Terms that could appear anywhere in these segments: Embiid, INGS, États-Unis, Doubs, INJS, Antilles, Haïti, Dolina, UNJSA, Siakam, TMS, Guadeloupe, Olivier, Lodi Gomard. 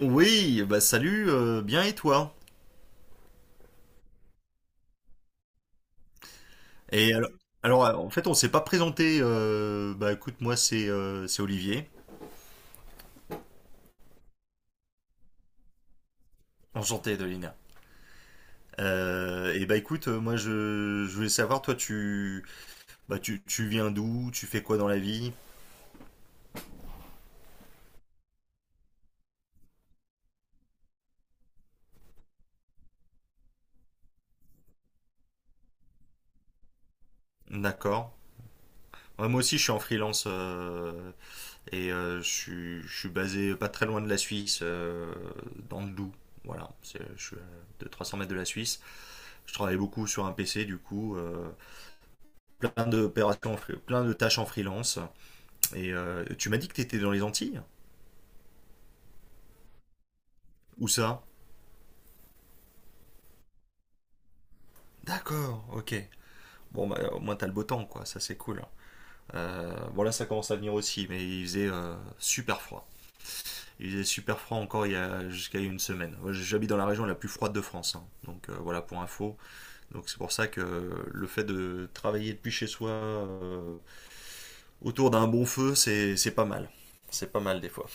Oui, bah salut, bien et toi? Et alors, en fait, on s'est pas présenté. Bah écoute, moi c'est Olivier. Enchanté, Dolina. Et bah écoute, moi je voulais savoir, toi tu bah tu viens d'où? Tu fais quoi dans la vie? D'accord. Ouais, moi aussi je suis en freelance, et je suis basé pas très loin de la Suisse, dans le Doubs. Voilà, je suis à 200-300 mètres de la Suisse. Je travaille beaucoup sur un PC du coup. Plein d'opérations, plein de tâches en freelance. Et tu m'as dit que tu étais dans les Antilles. Où ça? D'accord, ok. Bon, bah, au moins t'as le beau temps, quoi. Ça, c'est cool. Bon, là, ça commence à venir aussi, mais il faisait super froid. Il faisait super froid encore il y a jusqu'à une semaine. Moi, j'habite dans la région la plus froide de France, hein. Donc voilà pour info. Donc c'est pour ça que le fait de travailler depuis chez soi, autour d'un bon feu, c'est pas mal. C'est pas mal des fois.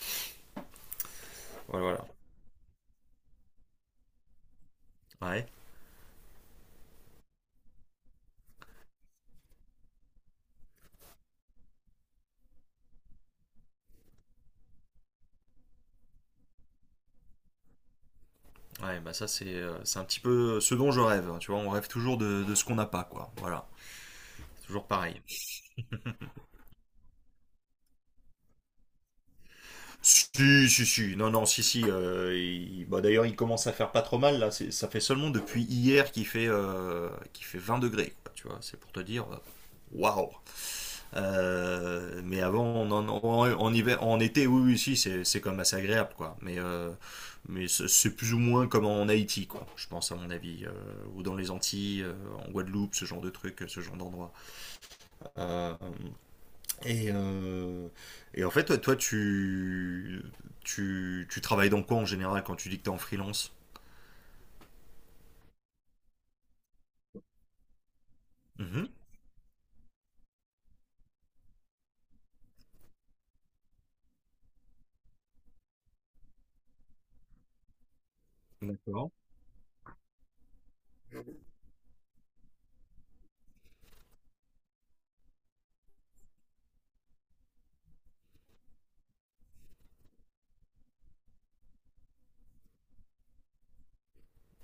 Voilà. Voilà. Ouais. Ouais, bah ça c'est un petit peu ce dont je rêve, hein, tu vois, on rêve toujours de ce qu'on n'a pas, quoi. Voilà. C'est toujours pareil. Si, si, si, non, non, si, si, bah, d'ailleurs il commence à faire pas trop mal, là. Ça fait seulement depuis hier qu'il fait 20 degrés, quoi, tu vois, c'est pour te dire, waouh. Mais avant, en hiver, en été, oui, oui, si, c'est quand même assez agréable, quoi, mais, mais c'est plus ou moins comme en Haïti, quoi, je pense, à mon avis, ou dans les Antilles, en Guadeloupe, ce genre de truc, ce genre d'endroit. Euh, et, euh, et en fait, tu travailles dans quoi en général quand tu dis que tu es en freelance? Mhm. D'accord.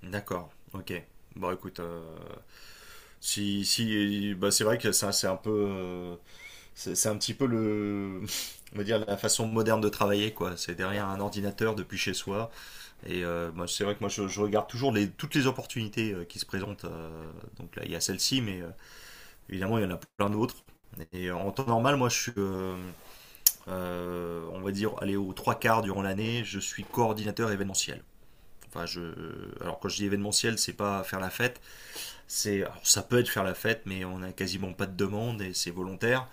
D'accord, ok. Bon, écoute, si, si, bah, c'est vrai que ça, c'est un peu, c'est un petit peu on va dire la façon moderne de travailler, quoi. C'est derrière un ordinateur depuis chez soi. Et moi, c'est vrai que moi, je regarde toujours toutes les opportunités, qui se présentent. Donc là, il y a celle-ci, mais évidemment, il y en a plein d'autres. Et en temps normal, moi, je suis, on va dire, aller aux trois quarts durant l'année, je suis coordinateur événementiel. Enfin, alors quand je dis événementiel, c'est pas faire la fête, c'est, alors, ça peut être faire la fête, mais on n'a quasiment pas de demande et c'est volontaire.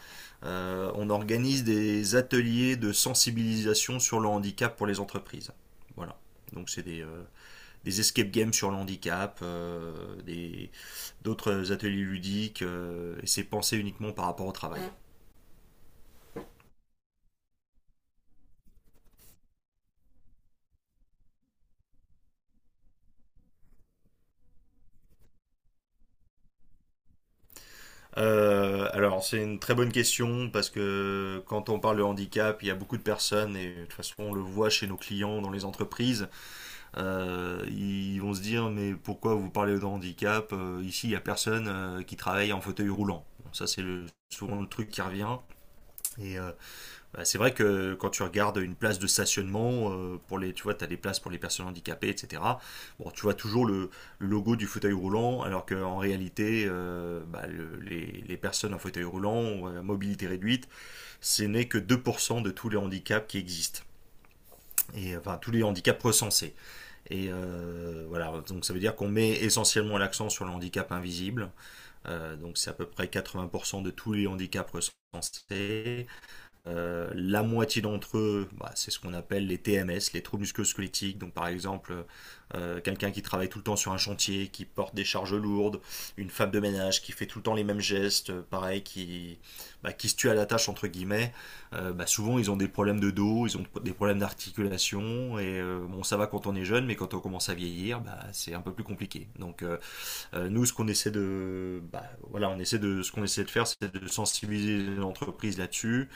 On organise des ateliers de sensibilisation sur le handicap pour les entreprises. Voilà. Donc c'est des escape games sur le handicap, d'autres ateliers ludiques, et c'est pensé uniquement par rapport au travail. Alors c'est une très bonne question parce que quand on parle de handicap, il y a beaucoup de personnes, et de toute façon on le voit chez nos clients dans les entreprises, ils vont se dire mais pourquoi vous parlez de handicap. Ici il n'y a personne, qui travaille en fauteuil roulant. Bon, ça c'est souvent le truc qui revient. Et bah, c'est vrai que quand tu regardes une place de stationnement, tu vois, tu as des places pour les personnes handicapées, etc. Bon, tu vois toujours le logo du fauteuil roulant, alors qu'en réalité, bah, les personnes en fauteuil roulant ou à mobilité réduite, ce n'est que 2% de tous les handicaps qui existent. Et enfin, tous les handicaps recensés. Et voilà, donc ça veut dire qu'on met essentiellement l'accent sur le handicap invisible. Donc c'est à peu près 80% de tous les handicaps recensés. La moitié d'entre eux, bah, c'est ce qu'on appelle les TMS, les troubles musculo-squelettiques. Donc par exemple, quelqu'un qui travaille tout le temps sur un chantier, qui porte des charges lourdes, une femme de ménage qui fait tout le temps les mêmes gestes, pareil, bah, qui se tue à la tâche entre guillemets. Bah, souvent ils ont des problèmes de dos, ils ont des problèmes d'articulation. Et bon, ça va quand on est jeune, mais quand on commence à vieillir, bah, c'est un peu plus compliqué. Donc nous, ce qu'on essaie de, bah, voilà, ce qu'on essaie de faire, c'est de sensibiliser l'entreprise là-dessus,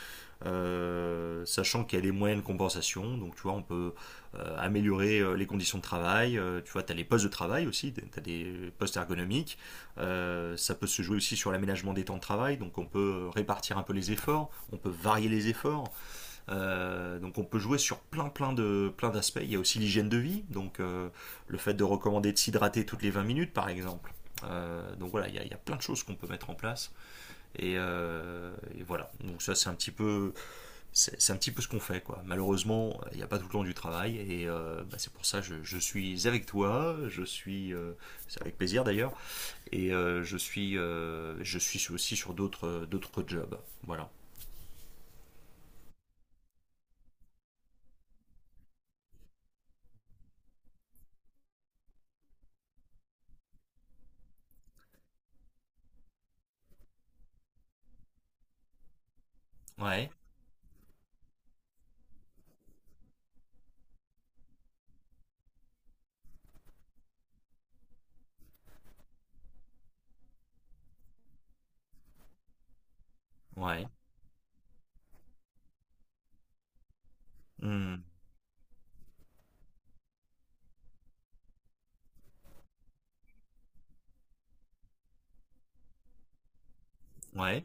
sachant qu'il y a des moyens de compensation. Donc, tu vois, on peut améliorer les conditions de travail. Tu vois, tu as les postes de travail aussi, tu as des postes ergonomiques. Ça peut se jouer aussi sur l'aménagement des temps de travail. Donc, on peut répartir un peu les efforts, on peut varier les efforts. Donc on peut jouer sur plein d'aspects. Il y a aussi l'hygiène de vie, donc le fait de recommander de s'hydrater toutes les 20 minutes par exemple. Donc voilà, il y a plein de choses qu'on peut mettre en place. Et voilà, donc ça c'est un petit peu, c'est un petit peu ce qu'on fait, quoi. Malheureusement, il n'y a pas tout le temps du travail et bah, c'est pour ça je suis avec toi, je suis c'est avec plaisir d'ailleurs, et je suis aussi sur d'autres jobs. Voilà. Ouais, ouais. Hmm. Ouais.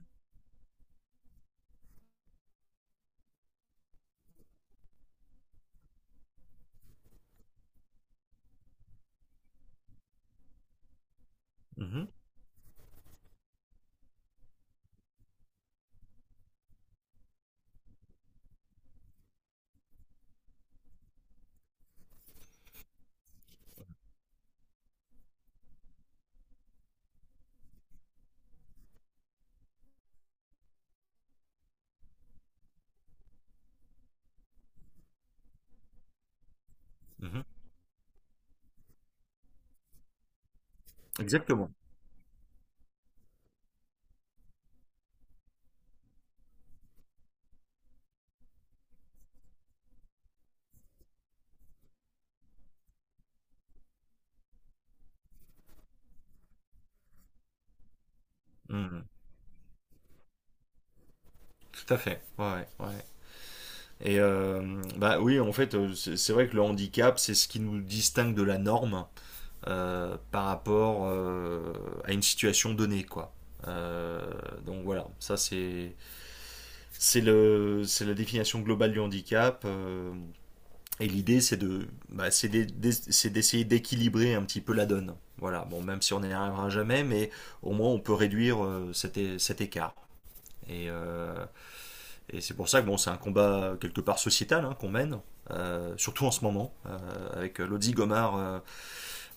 Mhm. Mhm. Exactement. Mhm. Tout à fait. Ouais, ouais. Ouais. Et bah oui, en fait, c'est vrai que le handicap, c'est ce qui nous distingue de la norme, par rapport, à une situation donnée, quoi. Euh, donc voilà, ça c'est le c'est la définition globale du handicap. Et l'idée, c'est d'essayer d'équilibrer un petit peu la donne. Voilà. Bon, même si on n'y arrivera jamais, mais au moins on peut réduire, cet écart. Et, euh, Et c'est pour ça que bon, c'est un combat quelque part sociétal, hein, qu'on mène, surtout en ce moment, avec Lodi Gomard, euh,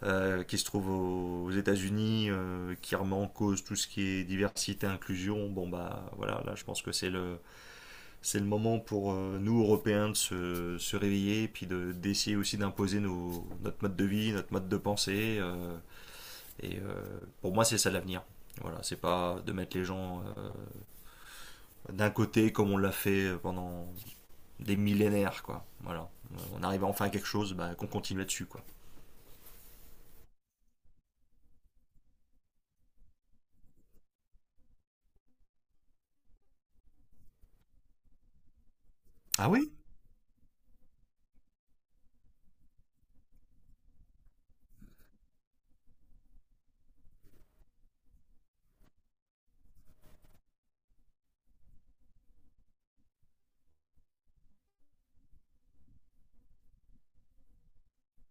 euh, qui se trouve aux États-Unis, qui remet en cause tout ce qui est diversité, inclusion. Bon bah voilà, là je pense que c'est le moment pour, nous Européens de se réveiller, et puis de d'essayer aussi d'imposer nos notre mode de vie, notre mode de pensée. Pour moi, c'est ça l'avenir. Voilà, c'est pas de mettre les gens d'un côté comme on l'a fait pendant des millénaires, quoi. Voilà. On arrive enfin à quelque chose, bah, qu'on continue là-dessus, quoi. Ah oui.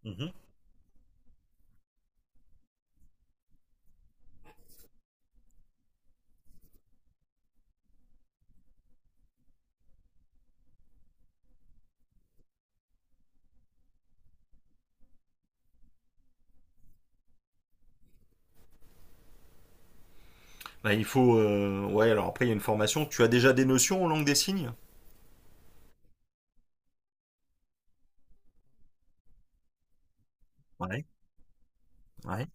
Mhm. Bah, il faut. Ouais, alors après, il y a une formation. Tu as déjà des notions en langue des signes? Ouais. Ouais,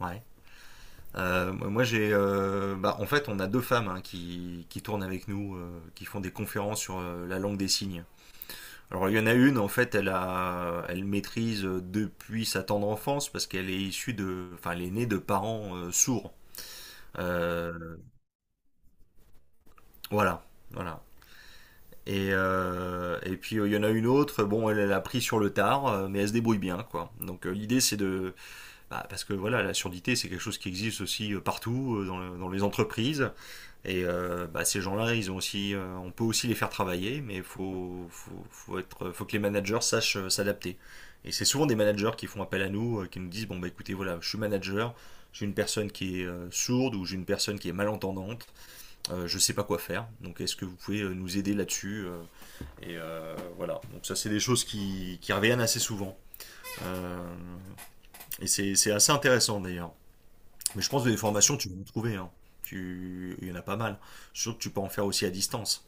ouais. Moi, j'ai. Bah, en fait, on a deux femmes, hein, qui tournent avec nous, qui font des conférences sur, la langue des signes. Alors, il y en a une, en fait, elle maîtrise depuis sa tendre enfance parce qu'elle est issue de, enfin, elle est née de parents, sourds. Euh, voilà, voilà. Et puis il y en a une autre, bon elle l'a pris sur le tard, mais elle se débrouille bien, quoi. Donc l'idée c'est de bah, parce que voilà, la surdité c'est quelque chose qui existe aussi partout, dans les entreprises. Et bah, ces gens-là, ils ont aussi, on peut aussi les faire travailler, mais faut que les managers sachent, s'adapter. Et c'est souvent des managers qui font appel à nous, qui nous disent, bon bah écoutez voilà, je suis manager, j'ai une personne qui est sourde, ou j'ai une personne qui est malentendante, je ne sais pas quoi faire, donc est-ce que vous pouvez nous aider là-dessus, voilà, donc ça c'est des choses qui reviennent assez souvent. Euh, et c'est assez intéressant d'ailleurs. Mais je pense que des formations, tu vas en trouver, hein. Il y en a pas mal. Surtout que tu peux en faire aussi à distance.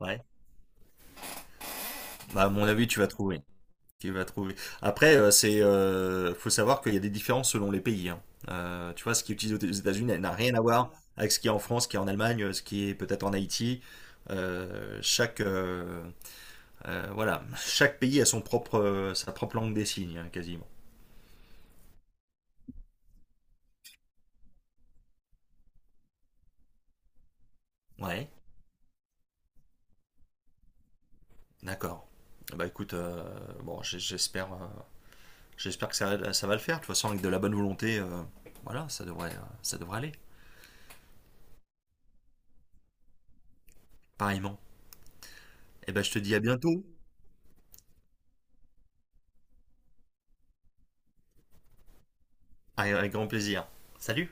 Ouais. Bah, à mon avis, tu vas trouver. Tu vas trouver. Après, faut savoir qu'il y a des différences selon les pays, hein. Tu vois, ce qui est utilisé aux États-Unis elle n'a rien à voir avec ce qui est en France, ce qui est en Allemagne, ce qui est peut-être en Haïti. Euh, chaque, euh, voilà, chaque pays a son propre, sa propre langue des signes, hein, quasiment. Ouais, d'accord. Ah, bah écoute, bon, j'espère que ça va le faire. De toute façon, avec de la bonne volonté, voilà, ça devrait aller. Pareillement. Et ben, je te dis à bientôt. Avec grand plaisir. Salut!